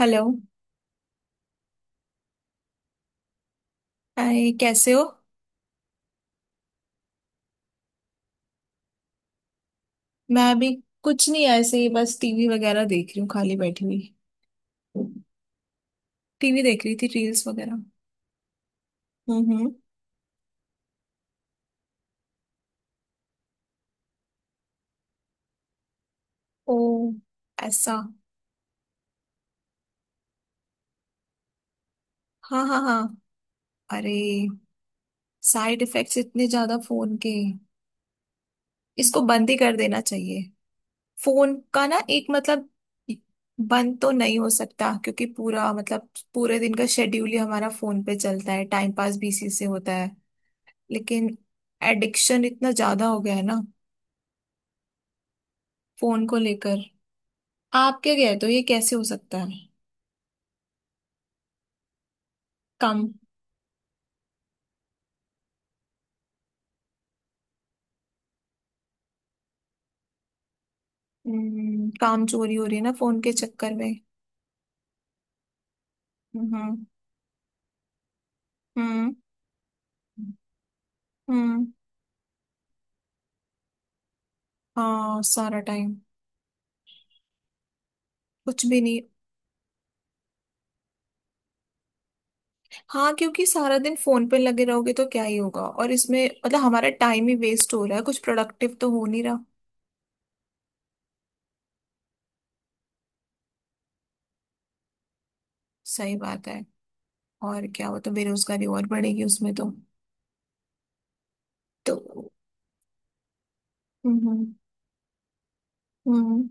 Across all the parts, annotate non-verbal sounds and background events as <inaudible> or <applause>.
Hello. Hi, कैसे हो? मैं अभी कुछ नहीं, ऐसे ही बस टीवी वगैरह देख रही हूँ, खाली बैठी हुई। टीवी देख रही थी, रील्स वगैरह। हम्म, हम्म। ओ, ऐसा? हाँ हाँ हाँ। अरे, साइड इफेक्ट्स इतने ज्यादा फोन के। इसको बंद ही कर देना चाहिए। फोन का ना, एक बंद तो नहीं हो सकता, क्योंकि पूरा पूरे दिन का शेड्यूल ही हमारा फोन पे चलता है। टाइम पास भी इसी से होता है। लेकिन एडिक्शन इतना ज्यादा हो गया है ना, फोन को लेकर। आप क्या कहते हो, ये कैसे हो सकता है? काम। काम चोरी हो रही है ना, फोन के चक्कर में। हम्म हम्म हम्म। हाँ, सारा टाइम। कुछ भी नहीं। हाँ, क्योंकि सारा दिन फोन पे लगे रहोगे तो क्या ही होगा। और इसमें मतलब हमारा टाइम ही वेस्ट हो रहा है, कुछ प्रोडक्टिव तो हो नहीं रहा। सही बात है। और क्या, वो तो बेरोजगारी और बढ़ेगी उसमें तो। तो हम्म हम्म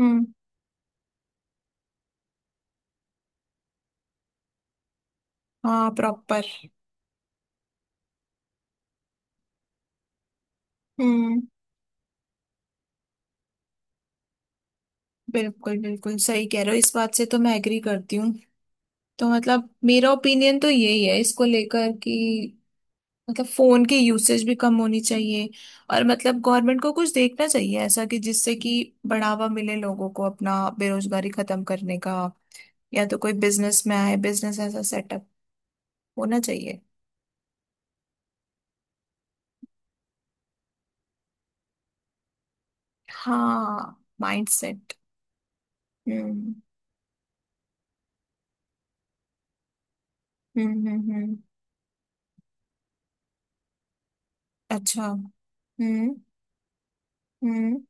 हम्म। हाँ, प्रॉपर। हम्म। बिल्कुल बिल्कुल सही कह रहे हो, इस बात से तो मैं एग्री करती हूँ। तो मतलब मेरा ओपिनियन तो यही है इसको लेकर, कि मतलब फोन की यूसेज भी कम होनी चाहिए। और मतलब गवर्नमेंट को कुछ देखना चाहिए ऐसा, कि जिससे कि बढ़ावा मिले लोगों को अपना बेरोजगारी खत्म करने का। या तो कोई बिजनेस में आए, बिजनेस ऐसा सेटअप होना चाहिए। हाँ, माइंडसेट। हम्म हम्म। हम्म, अच्छा। हम्म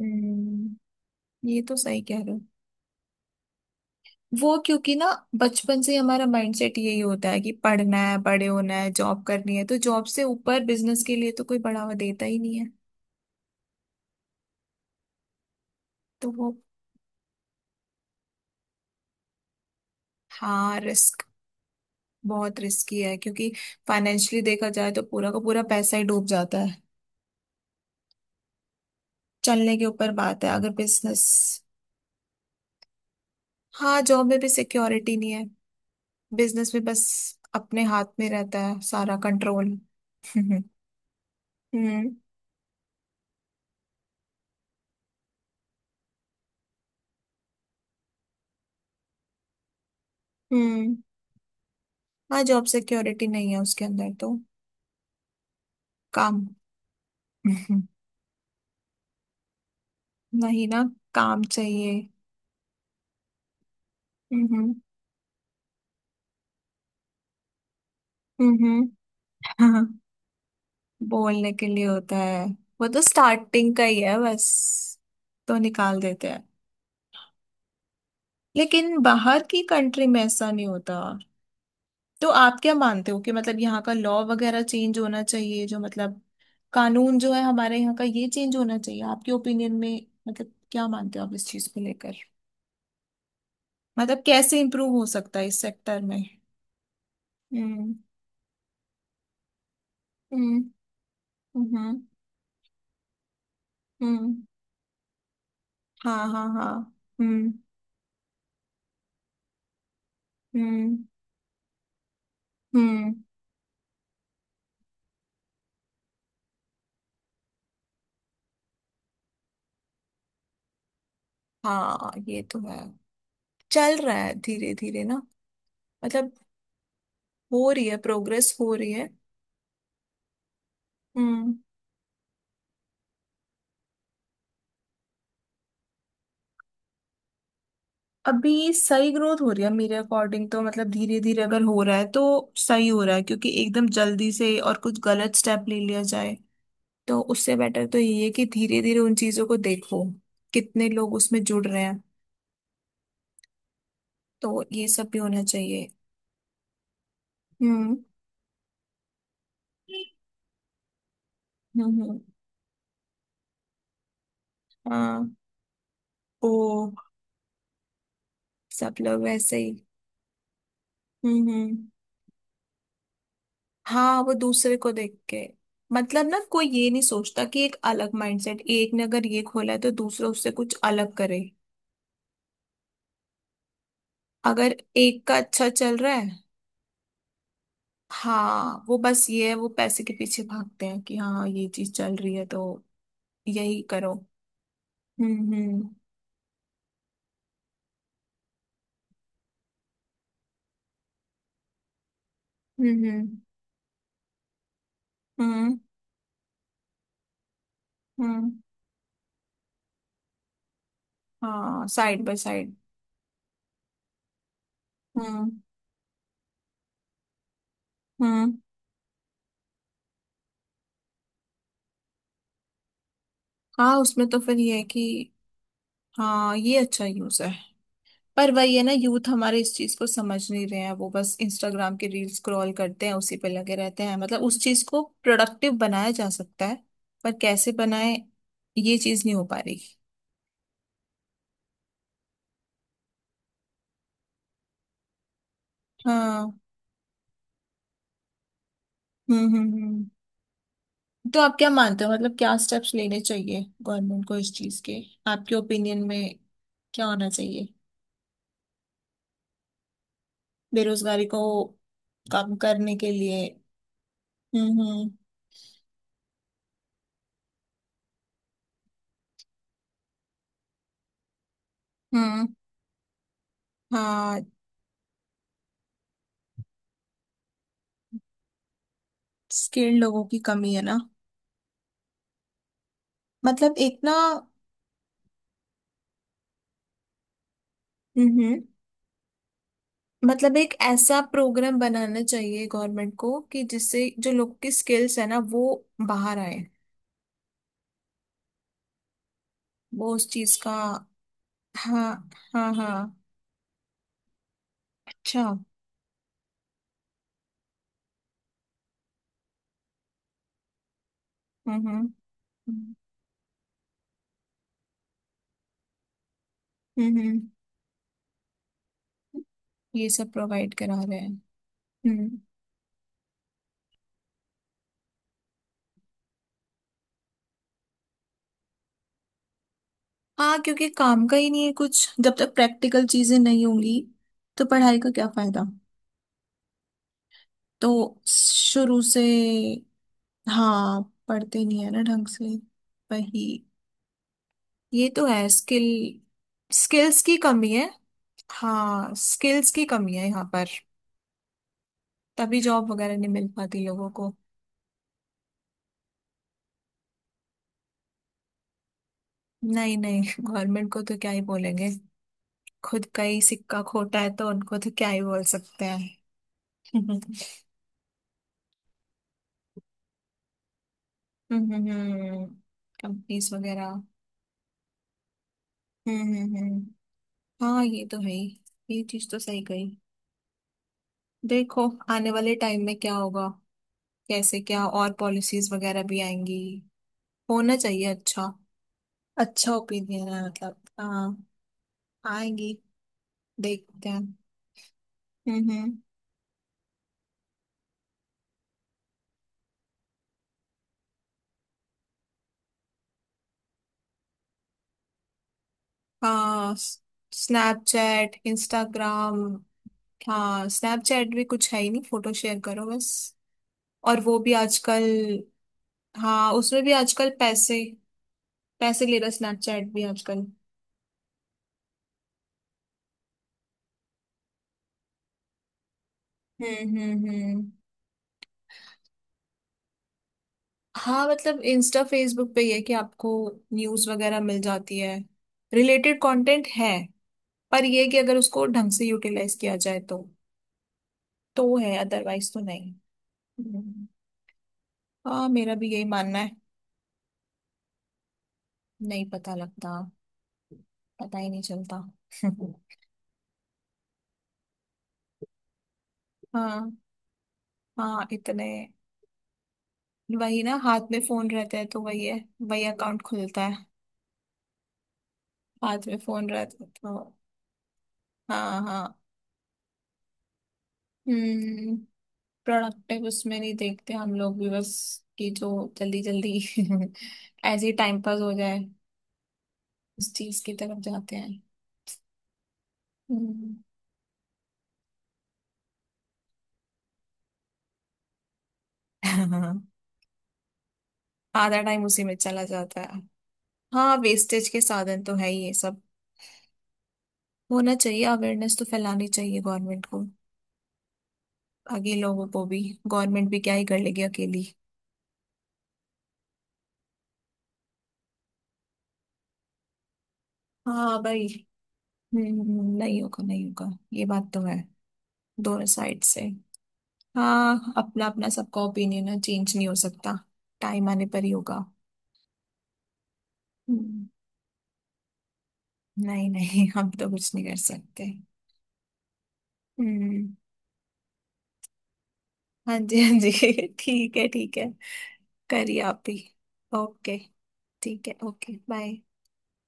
हम्म। ये तो सही कह रहे हो। वो क्योंकि ना, बचपन से ही हमारा माइंडसेट यही होता है कि पढ़ना है, बड़े होना है, जॉब करनी है। तो जॉब से ऊपर बिजनेस के लिए तो कोई बढ़ावा देता ही नहीं है। तो वो हाँ, रिस्क। बहुत रिस्की है, क्योंकि फाइनेंशियली देखा जाए तो पूरा का पूरा पैसा ही डूब जाता है। चलने के ऊपर बात है अगर बिजनेस। हाँ, जॉब में भी सिक्योरिटी नहीं है। बिजनेस में बस अपने हाथ में रहता है सारा कंट्रोल। <laughs> हम्म हम्म। हाँ, जॉब सिक्योरिटी नहीं है उसके अंदर तो। काम। <laughs> नहीं ना, काम चाहिए। हम्म हम्म। हाँ। <laughs> बोलने के लिए होता है। वो तो स्टार्टिंग का ही है बस। तो निकाल देते हैं। लेकिन बाहर की कंट्री में ऐसा नहीं होता। तो आप क्या मानते हो कि मतलब यहाँ का लॉ वगैरह चेंज होना चाहिए, जो मतलब कानून जो है हमारे यहाँ का, ये चेंज होना चाहिए आपके ओपिनियन में? मतलब क्या मानते हो आप इस चीज को लेकर, मतलब कैसे इम्प्रूव हो सकता है इस सेक्टर में? हम्म हम्म हम्म हम्म। हाँ हाँ हाँ। हम्म हम्म हम्म। हाँ, ये तो है। चल रहा है धीरे धीरे ना। मतलब हो रही है, प्रोग्रेस हो रही है। हम्म। अभी सही ग्रोथ हो रही है मेरे अकॉर्डिंग तो। मतलब धीरे धीरे अगर हो रहा है तो सही हो रहा है, क्योंकि एकदम जल्दी से और कुछ गलत स्टेप ले लिया जाए, तो उससे बेटर तो ये है कि धीरे धीरे उन चीजों को देखो कितने लोग उसमें जुड़ रहे हैं। तो ये सब भी होना चाहिए। हम्म हम्म हम्म, हाँ। ओ, सब लोग वैसे ही। हम्म। हाँ, वो दूसरे को देख के। मतलब ना कोई ये नहीं सोचता कि एक अलग माइंडसेट, एक ने अगर ये खोला है तो दूसरा उससे कुछ अलग करे, अगर एक का अच्छा चल रहा है। हाँ, वो बस ये है वो पैसे के पीछे भागते हैं कि हाँ, ये चीज चल रही है तो यही करो। हम्म हम्म हम्म हम्म हम्म। हाँ, साइड बाय साइड। हम्म हम्म। हाँ, उसमें तो फिर ये है कि हाँ, ये अच्छा यूज है। पर वही है ना, यूथ हमारे इस चीज को समझ नहीं रहे हैं। वो बस इंस्टाग्राम के रील स्क्रॉल करते हैं, उसी पे लगे रहते हैं। मतलब उस चीज को प्रोडक्टिव बनाया जा सकता है, पर कैसे बनाए, ये चीज नहीं हो पा रही। हाँ। हम्म। तो आप क्या मानते हो, मतलब क्या स्टेप्स लेने चाहिए गवर्नमेंट को इस चीज के आपके ओपिनियन में, क्या होना चाहिए बेरोजगारी को कम करने के लिए? हम्म हम्म हम्म। हाँ, स्किल्ड लोगों की कमी है ना। मतलब एक ना। हम्म हम्म। मतलब एक ऐसा प्रोग्राम बनाना चाहिए गवर्नमेंट को कि जिससे जो लोग की स्किल्स है ना, वो बाहर आए। वो उस चीज का हाँ हाँ हाँ। अच्छा। हम्म हम्म हम्म। ये सब प्रोवाइड करा रहे हैं। हम्म। हाँ, क्योंकि काम का ही नहीं है कुछ। जब तक प्रैक्टिकल चीजें नहीं होंगी, तो पढ़ाई का क्या फायदा। तो शुरू से हाँ, पढ़ते नहीं है ना ढंग से। वही, ये तो है। स्किल, स्किल्स की कमी है। हाँ, स्किल्स की कमी है यहाँ पर, तभी जॉब वगैरह नहीं मिल पाती लोगों को। नहीं नहीं, गवर्नमेंट को तो क्या ही बोलेंगे। खुद का ही सिक्का खोटा है तो उनको तो क्या ही बोल सकते हैं। <laughs> हम्म। कंपनीज वगैरह। हम्म हम्म हम्म। हाँ, ये तो है ही। ये चीज तो सही कही। देखो आने वाले टाइम में क्या होगा, कैसे क्या, और पॉलिसीज वगैरह भी आएंगी। होना चाहिए अच्छा। अच्छा ओपिनियन है मतलब, हाँ। आएंगी। देखते हैं। हम्म। हाँ, स्नैपचैट, इंस्टाग्राम। हाँ, स्नैपचैट भी कुछ है ही नहीं, फोटो शेयर करो बस। और वो भी आजकल हाँ, उसमें भी आजकल पैसे, पैसे ले रहा स्नैपचैट भी आजकल। हम्म। हाँ, मतलब इंस्टा, फेसबुक पे ये है कि आपको न्यूज वगैरह मिल जाती है, रिलेटेड कंटेंट है। पर ये है कि अगर उसको ढंग से यूटिलाइज किया जाए तो है, अदरवाइज तो नहीं। हम्म। हाँ, मेरा भी यही मानना है। नहीं पता लगता, पता ही नहीं चलता। <laughs> हाँ हाँ, इतने। वही ना, हाथ में फोन रहता है तो वही है, वही अकाउंट खुलता है। हाथ में फोन रहता है तो हाँ हाँ। हम्म। प्रोडक्टिव उसमें नहीं देखते हम लोग भी, बस कि जो जल्दी जल्दी <laughs> ऐसे ही टाइम पास हो जाए, उस चीज की तरफ जाते हैं। हम्म। <laughs> आधा टाइम उसी में चला जाता है। हाँ, वेस्टेज के साधन तो है ही ये सब। होना चाहिए, अवेयरनेस तो फैलानी चाहिए गवर्नमेंट को, बाकी लोगों को भी। गवर्नमेंट भी क्या ही कर लेगी अकेली। हाँ भाई। नहीं होगा, नहीं होगा, ये बात तो है। दोनों साइड से। हाँ, अपना अपना सबका ओपिनियन है, चेंज नहीं हो सकता। टाइम आने पर ही होगा। हम्म, नहीं नहीं, हम तो कुछ नहीं कर सकते। हम्म। हाँ जी हाँ जी। <laughs> ठीक है ठीक है। करिए आप भी। ओके। ठीक है, ओके, बाय।